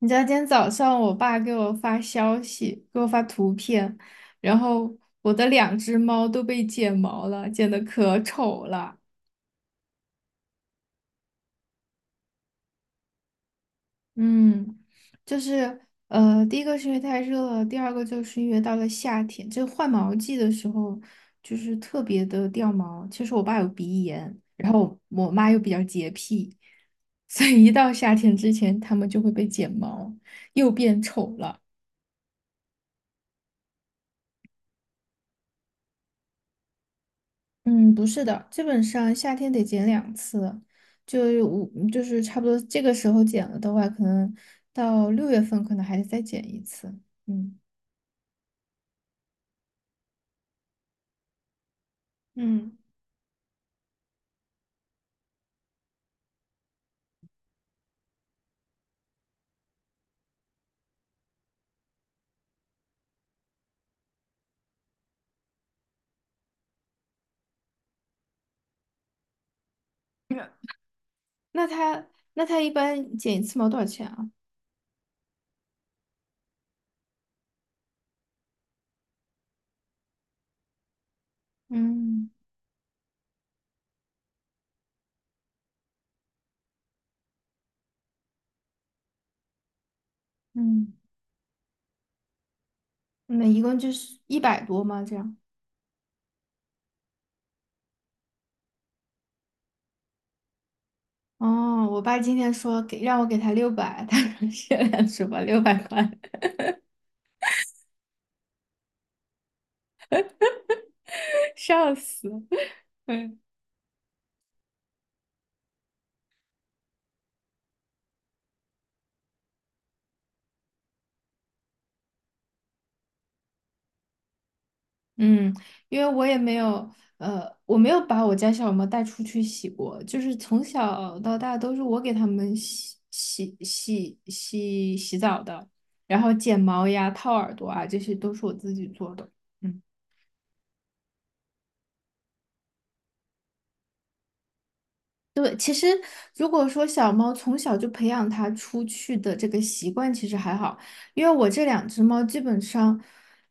你知道今天早上我爸给我发消息，给我发图片，然后我的两只猫都被剪毛了，剪得可丑了。嗯，就是第一个是因为太热了，第二个就是因为到了夏天，就换毛季的时候，就是特别的掉毛。其实我爸有鼻炎，然后我妈又比较洁癖，所以一到夏天之前，它们就会被剪毛，又变丑了。嗯，不是的，基本上夏天得剪2次，就是五，就是差不多这个时候剪了的话，可能到6月份可能还得再剪一次。嗯嗯，那那他那他一般剪一次毛多少钱啊？嗯嗯，那一共就是100多吗？这样？哦，我爸今天说让我给他六百，他说限量 是吧？600块，笑死。嗯，因为我也没有，我没有把我家小猫带出去洗过，就是从小到大都是我给它们洗澡的，然后剪毛呀、掏耳朵啊，这些都是我自己做的。嗯。对，其实如果说小猫从小就培养它出去的这个习惯，其实还好，因为我这两只猫基本上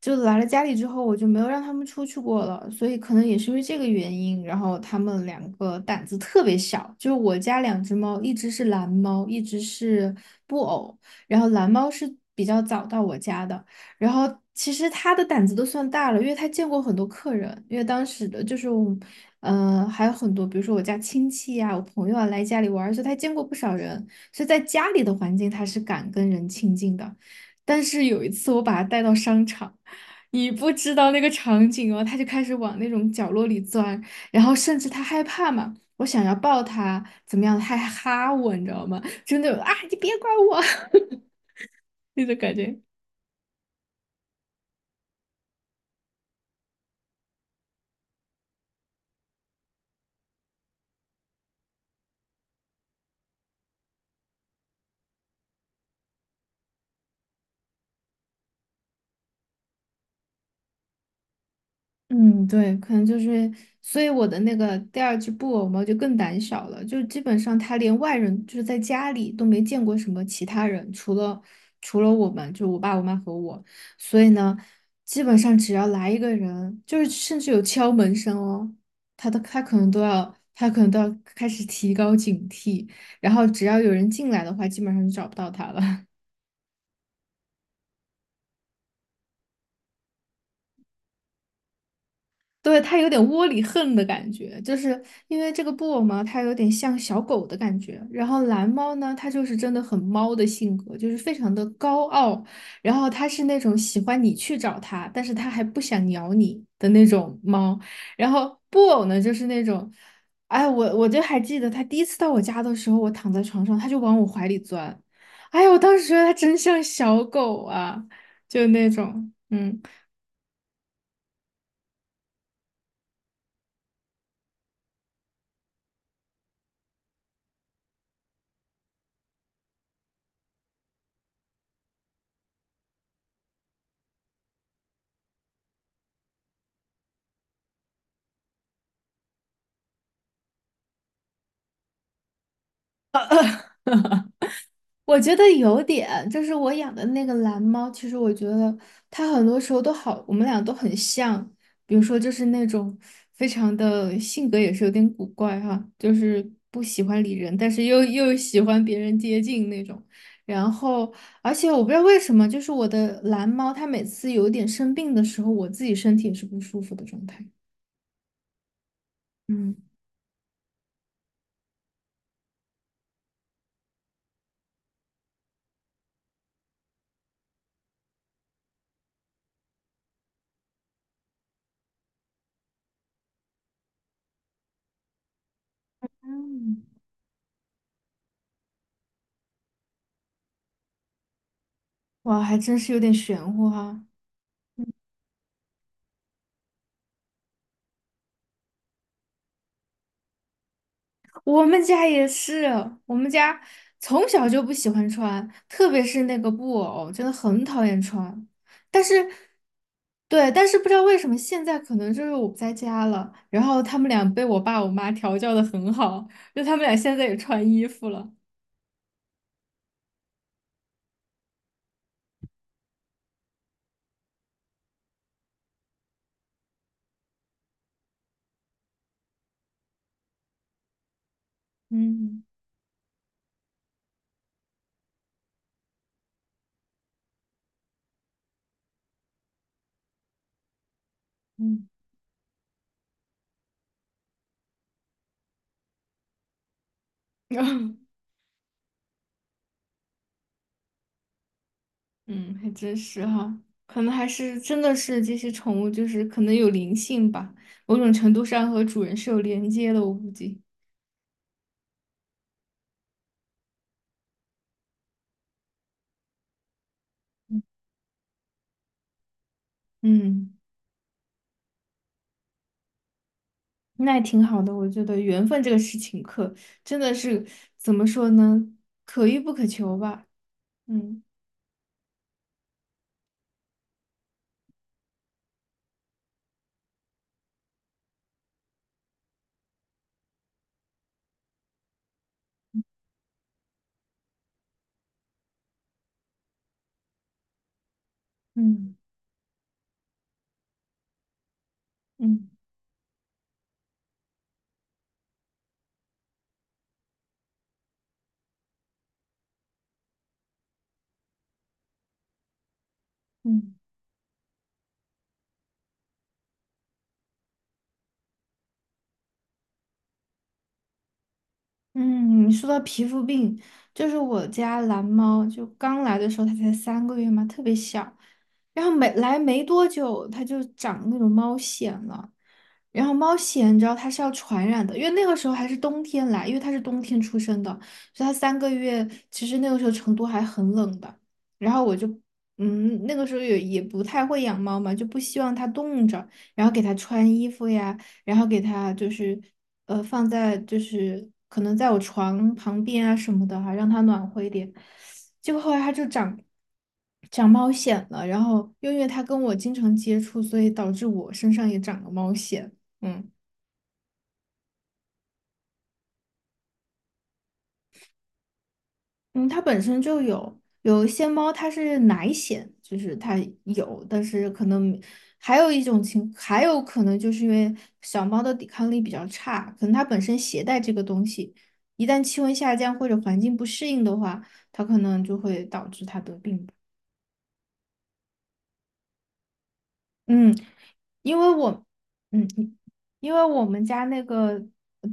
就来了家里之后，我就没有让它们出去过了，所以可能也是因为这个原因，然后它们两个胆子特别小。就是我家两只猫，一只是蓝猫，一只是布偶，然后蓝猫是比较早到我家的。然后其实他的胆子都算大了，因为他见过很多客人，因为当时的就是我们还有很多，比如说我家亲戚呀、我朋友啊来家里玩儿所以他见过不少人，所以在家里的环境他是敢跟人亲近的。但是有一次我把他带到商场，你不知道那个场景哦，他就开始往那种角落里钻，然后甚至他害怕嘛，我想要抱他，怎么样，他还哈我，你知道吗？真的种啊，你别管我 那种感觉。嗯，对，可能就是，所以我的那个第二只布偶猫就更胆小了，就基本上它连外人，就是在家里都没见过什么其他人，除了我们，就我爸、我妈和我。所以呢，基本上只要来一个人，就是甚至有敲门声哦，它都它可能都要，它可能都要开始提高警惕，然后只要有人进来的话，基本上就找不到它了。对，它有点窝里横的感觉，就是因为这个布偶嘛，它有点像小狗的感觉。然后蓝猫呢，它就是真的很猫的性格，就是非常的高傲。然后它是那种喜欢你去找它，但是它还不想咬你的那种猫。然后布偶呢，就是那种，哎，我就还记得它第一次到我家的时候，我躺在床上，它就往我怀里钻。哎呀，我当时觉得它真像小狗啊，就那种，嗯。我觉得有点，就是我养的那个蓝猫，其实我觉得它很多时候都好，我们俩都很像。比如说，就是那种非常的性格也是有点古怪哈，就是不喜欢理人，但是又喜欢别人接近那种。然后，而且我不知道为什么，就是我的蓝猫，它每次有点生病的时候，我自己身体也是不舒服的状态。嗯，嗯，哇，还真是有点玄乎哈。我们家也是，我们家从小就不喜欢穿，特别是那个布偶，真的很讨厌穿。但是，对，但是不知道为什么现在可能就是我不在家了，然后他们俩被我爸我妈调教的很好，就他们俩现在也穿衣服了。嗯嗯 嗯，还真是哈，可能还是真的是这些宠物就是可能有灵性吧，某种程度上和主人是有连接的，我估计。嗯。那也挺好的，我觉得缘分这个事情可真的是怎么说呢，可遇不可求吧。嗯嗯嗯嗯嗯，说到皮肤病，就是我家蓝猫，就刚来的时候它才三个月嘛，特别小，然后没来没多久它就长那种猫癣了。然后猫藓你知道它是要传染的，因为那个时候还是冬天来，因为它是冬天出生的，所以它三个月，其实那个时候成都还很冷的。然后我就，那个时候也不太会养猫嘛，就不希望它冻着，然后给它穿衣服呀，然后给它就是，放在就是可能在我床旁边啊什么的哈、让它暖和一点。结果后来它就长猫藓了，然后又因为它跟我经常接触，所以导致我身上也长了猫藓。嗯嗯，它本身就有一些猫，它是奶癣，就是它有，但是可能还有一种情，还有可能就是因为小猫的抵抗力比较差，可能它本身携带这个东西，一旦气温下降或者环境不适应的话，它可能就会导致它得病。嗯，因为我，嗯，因为我们家那个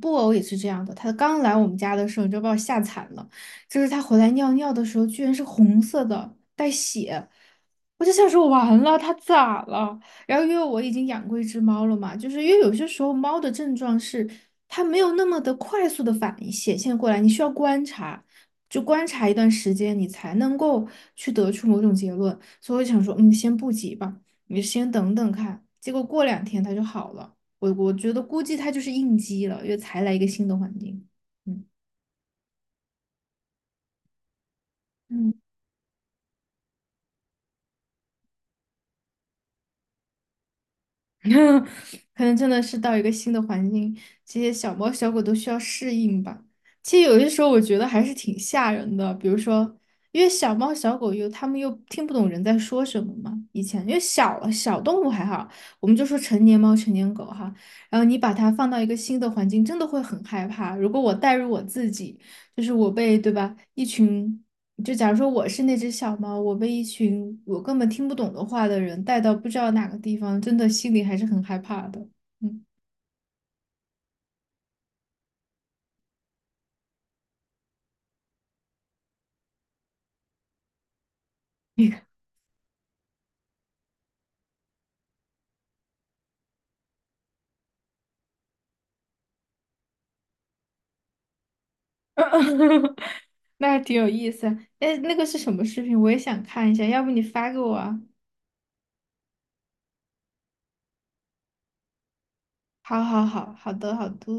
布偶也是这样的，它刚来我们家的时候你就把我吓惨了，就是它回来尿尿的时候居然是红色的，带血，我就想说完了，它咋了？然后因为我已经养过一只猫了嘛，就是因为有些时候猫的症状是它没有那么的快速的反应显现过来，你需要观察。就观察一段时间，你才能够去得出某种结论，所以我想说，嗯，先不急吧。你先等等看。结果过2天他就好了，我觉得估计他就是应激了，因为才来一个新的环境。嗯。嗯 可能真的是到一个新的环境，这些小猫小狗都需要适应吧。其实有些时候我觉得还是挺吓人的，比如说，因为小猫小狗又它们又听不懂人在说什么嘛。以前因为小小动物还好，我们就说成年猫成年狗哈。然后你把它放到一个新的环境，真的会很害怕。如果我带入我自己，就是我被对吧一群就假如说我是那只小猫，我被一群我根本听不懂的话的人带到不知道哪个地方，真的心里还是很害怕的。嗯，那还挺有意思。哎，那个是什么视频？我也想看一下，要不你发给我啊？好好好，好的好的。